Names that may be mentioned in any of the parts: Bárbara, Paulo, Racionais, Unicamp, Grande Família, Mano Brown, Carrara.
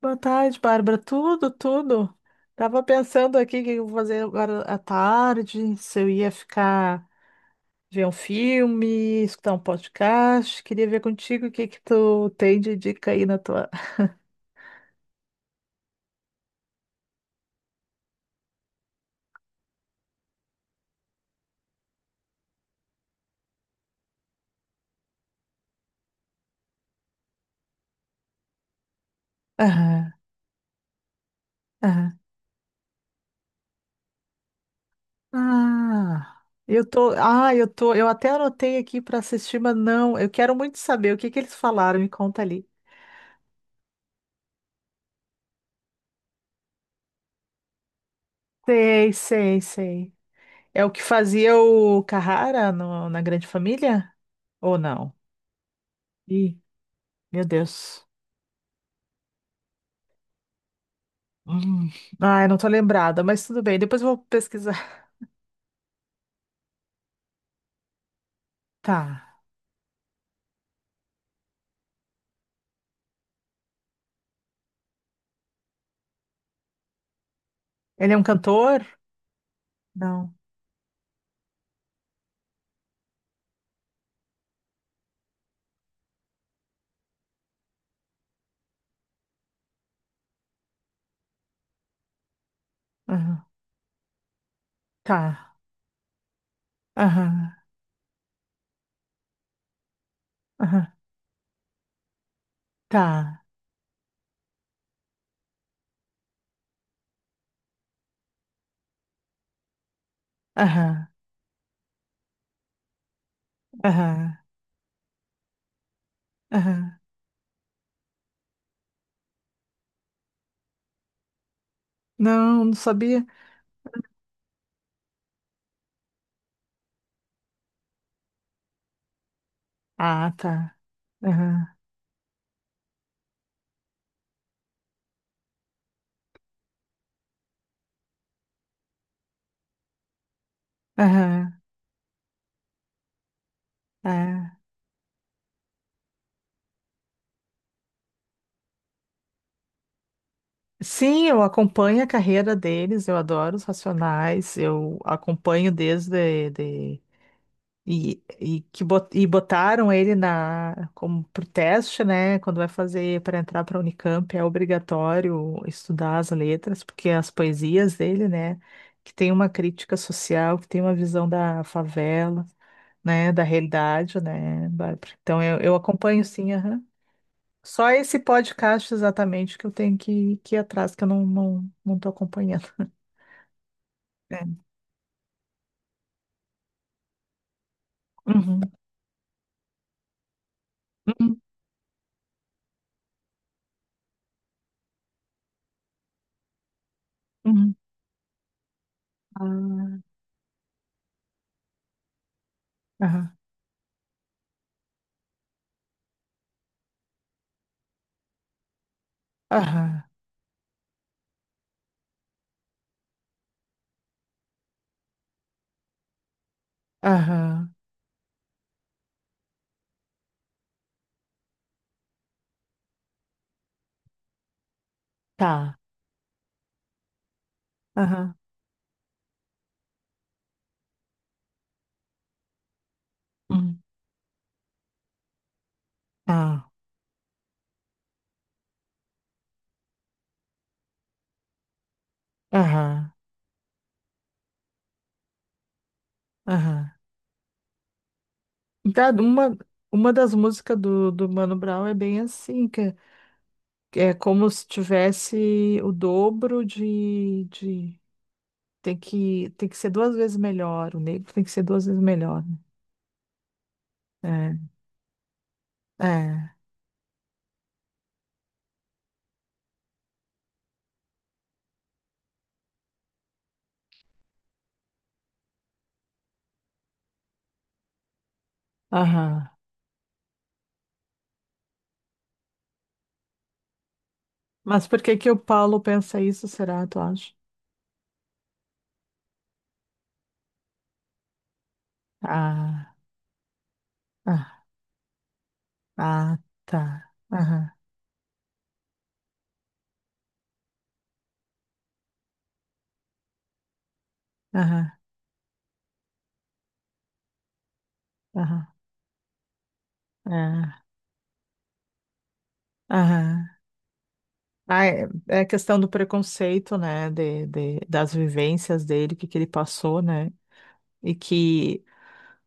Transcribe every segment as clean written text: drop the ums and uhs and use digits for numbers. Boa tarde, Bárbara. Tudo, tudo. Tava pensando aqui o que eu vou fazer agora à tarde, se eu ia ficar ver um filme, escutar um podcast. Queria ver contigo o que que tu tem de dica aí na tua. Aham, aham. Eu até anotei aqui para assistir, mas não, eu quero muito saber o que que eles falaram, me conta ali. Sei, sei, sei. É o que fazia o Carrara na Grande Família? Ou não? Ih, meu Deus. Hum. Ai, não tô lembrada, mas tudo bem. Depois eu vou pesquisar. Tá. Ele é um cantor? Não. Aham. Tá. Aham. Aham. Tá. Aham. Aham. Aham. Não, não sabia. Ah, tá. Aham. Aham. É. Sim, eu acompanho a carreira deles, eu adoro os Racionais, eu acompanho desde de, E que e botaram ele na como pro teste, né? Quando vai fazer para entrar para a Unicamp é obrigatório estudar as letras, porque as poesias dele, né? Que tem uma crítica social, que tem uma visão da favela, né? Da realidade, né, Bárbara? Então eu acompanho, sim, aham. Só esse podcast exatamente que eu tenho que ir atrás, que eu não tô acompanhando. É. Uhum, uhum, uhum. Ah, aham, aham, aham. Tá. Aham. Hum, ah, aham. Aham. Tá, uma das músicas do Mano Brown é bem assim, que é como se tivesse o dobro de... Tem que ser duas vezes melhor, o negro tem que ser duas vezes melhor, né? É, aham. Mas por que que o Paulo pensa isso, será, tu acha? Ah, ah, ah, tá. Aham, aham, aham, é, aham. Ah, é a questão do preconceito, né, de, das vivências dele, o que ele passou, né, e que,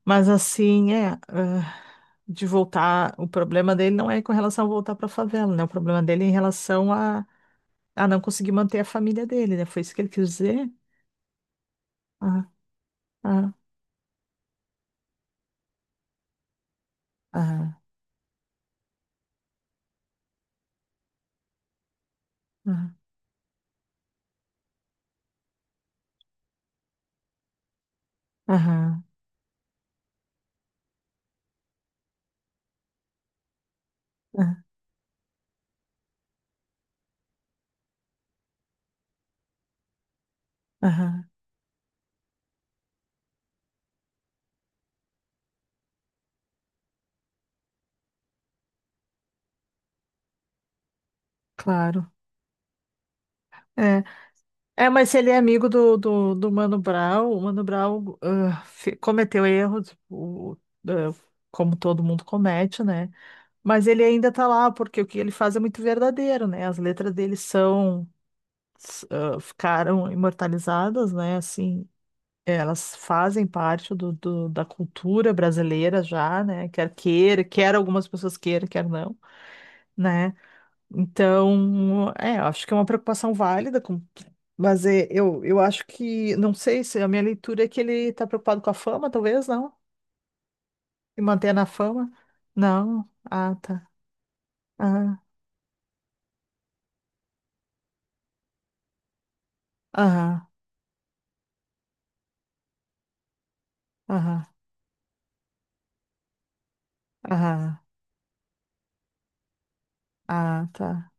mas assim, é, ah, de voltar, o problema dele não é com relação a voltar para a favela, né, o problema dele é em relação a não conseguir manter a família dele, né, foi isso que ele quis dizer? Ah, ah, ah, ah, aham, ah, aham, claro, é. É, mas se ele é amigo do, do Mano Brown, o Mano Brown cometeu erros, ah, como todo mundo comete, né? Mas ele ainda tá lá, porque o que ele faz é muito verdadeiro, né? As letras dele ficaram imortalizadas, né? Assim, elas fazem parte do, da cultura brasileira já, né? Quer queira, quer algumas pessoas queiram, quer não, né? Então, é, acho que é uma preocupação válida, mas é, eu acho que, não sei se a minha leitura é que ele está preocupado com a fama, talvez, não? E manter na fama? Não. Ah, tá. Ah, aham, aham, aham, ah, tá.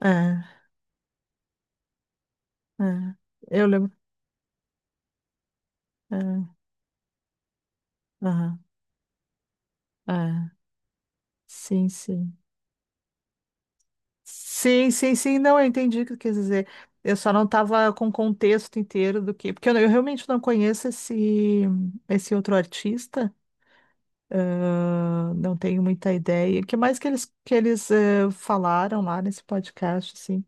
Ah, ah. Eu lembro. Ah, aham, ah. Sim, sim. Sim, sim, sim, não, eu entendi o que tu quis dizer. Eu só não estava com o contexto inteiro do que, porque eu realmente não conheço esse, outro artista. Ah, não tenho muita ideia. O que mais que eles falaram lá nesse podcast, assim?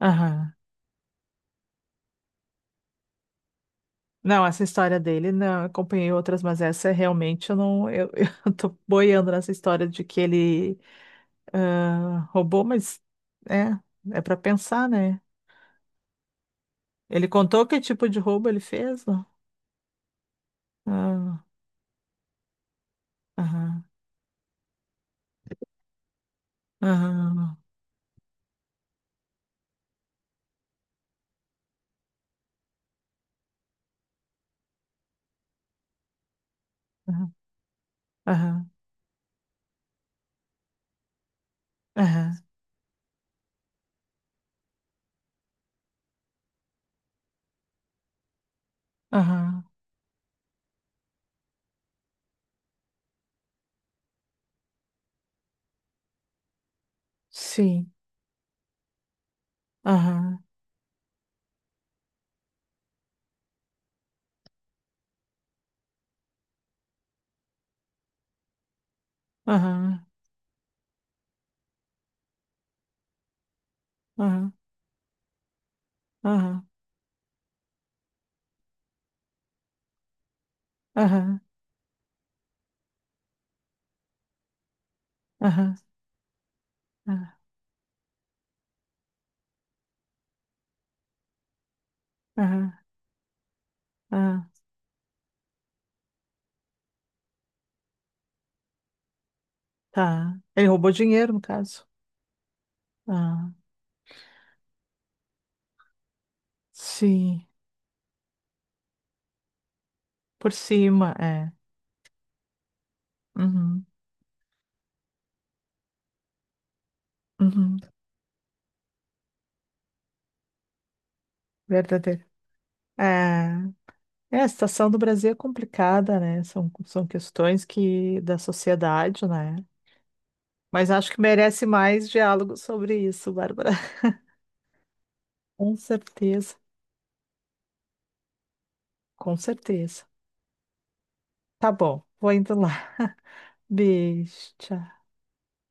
Aham. Não, essa história dele, não, eu acompanhei outras, mas essa é realmente eu não, eu, eu tô boiando nessa história de que ele roubou, mas é, é para pensar, né? Ele contou que tipo de roubo ele fez? Não? Ah, aham, aham, aham, aham, aham, aham, sim, aham, aham, aham, aham, aham, aham. Ah, ah, ah, tá. Ele roubou dinheiro, no caso. Ah, sim. Por cima, é. Uhum, uhum. Verdadeiro. É, é, a situação do Brasil é complicada, né? São questões que da sociedade, né? Mas acho que merece mais diálogo sobre isso, Bárbara. Com certeza, com certeza. Tá bom, vou indo lá. Beijo, tchau.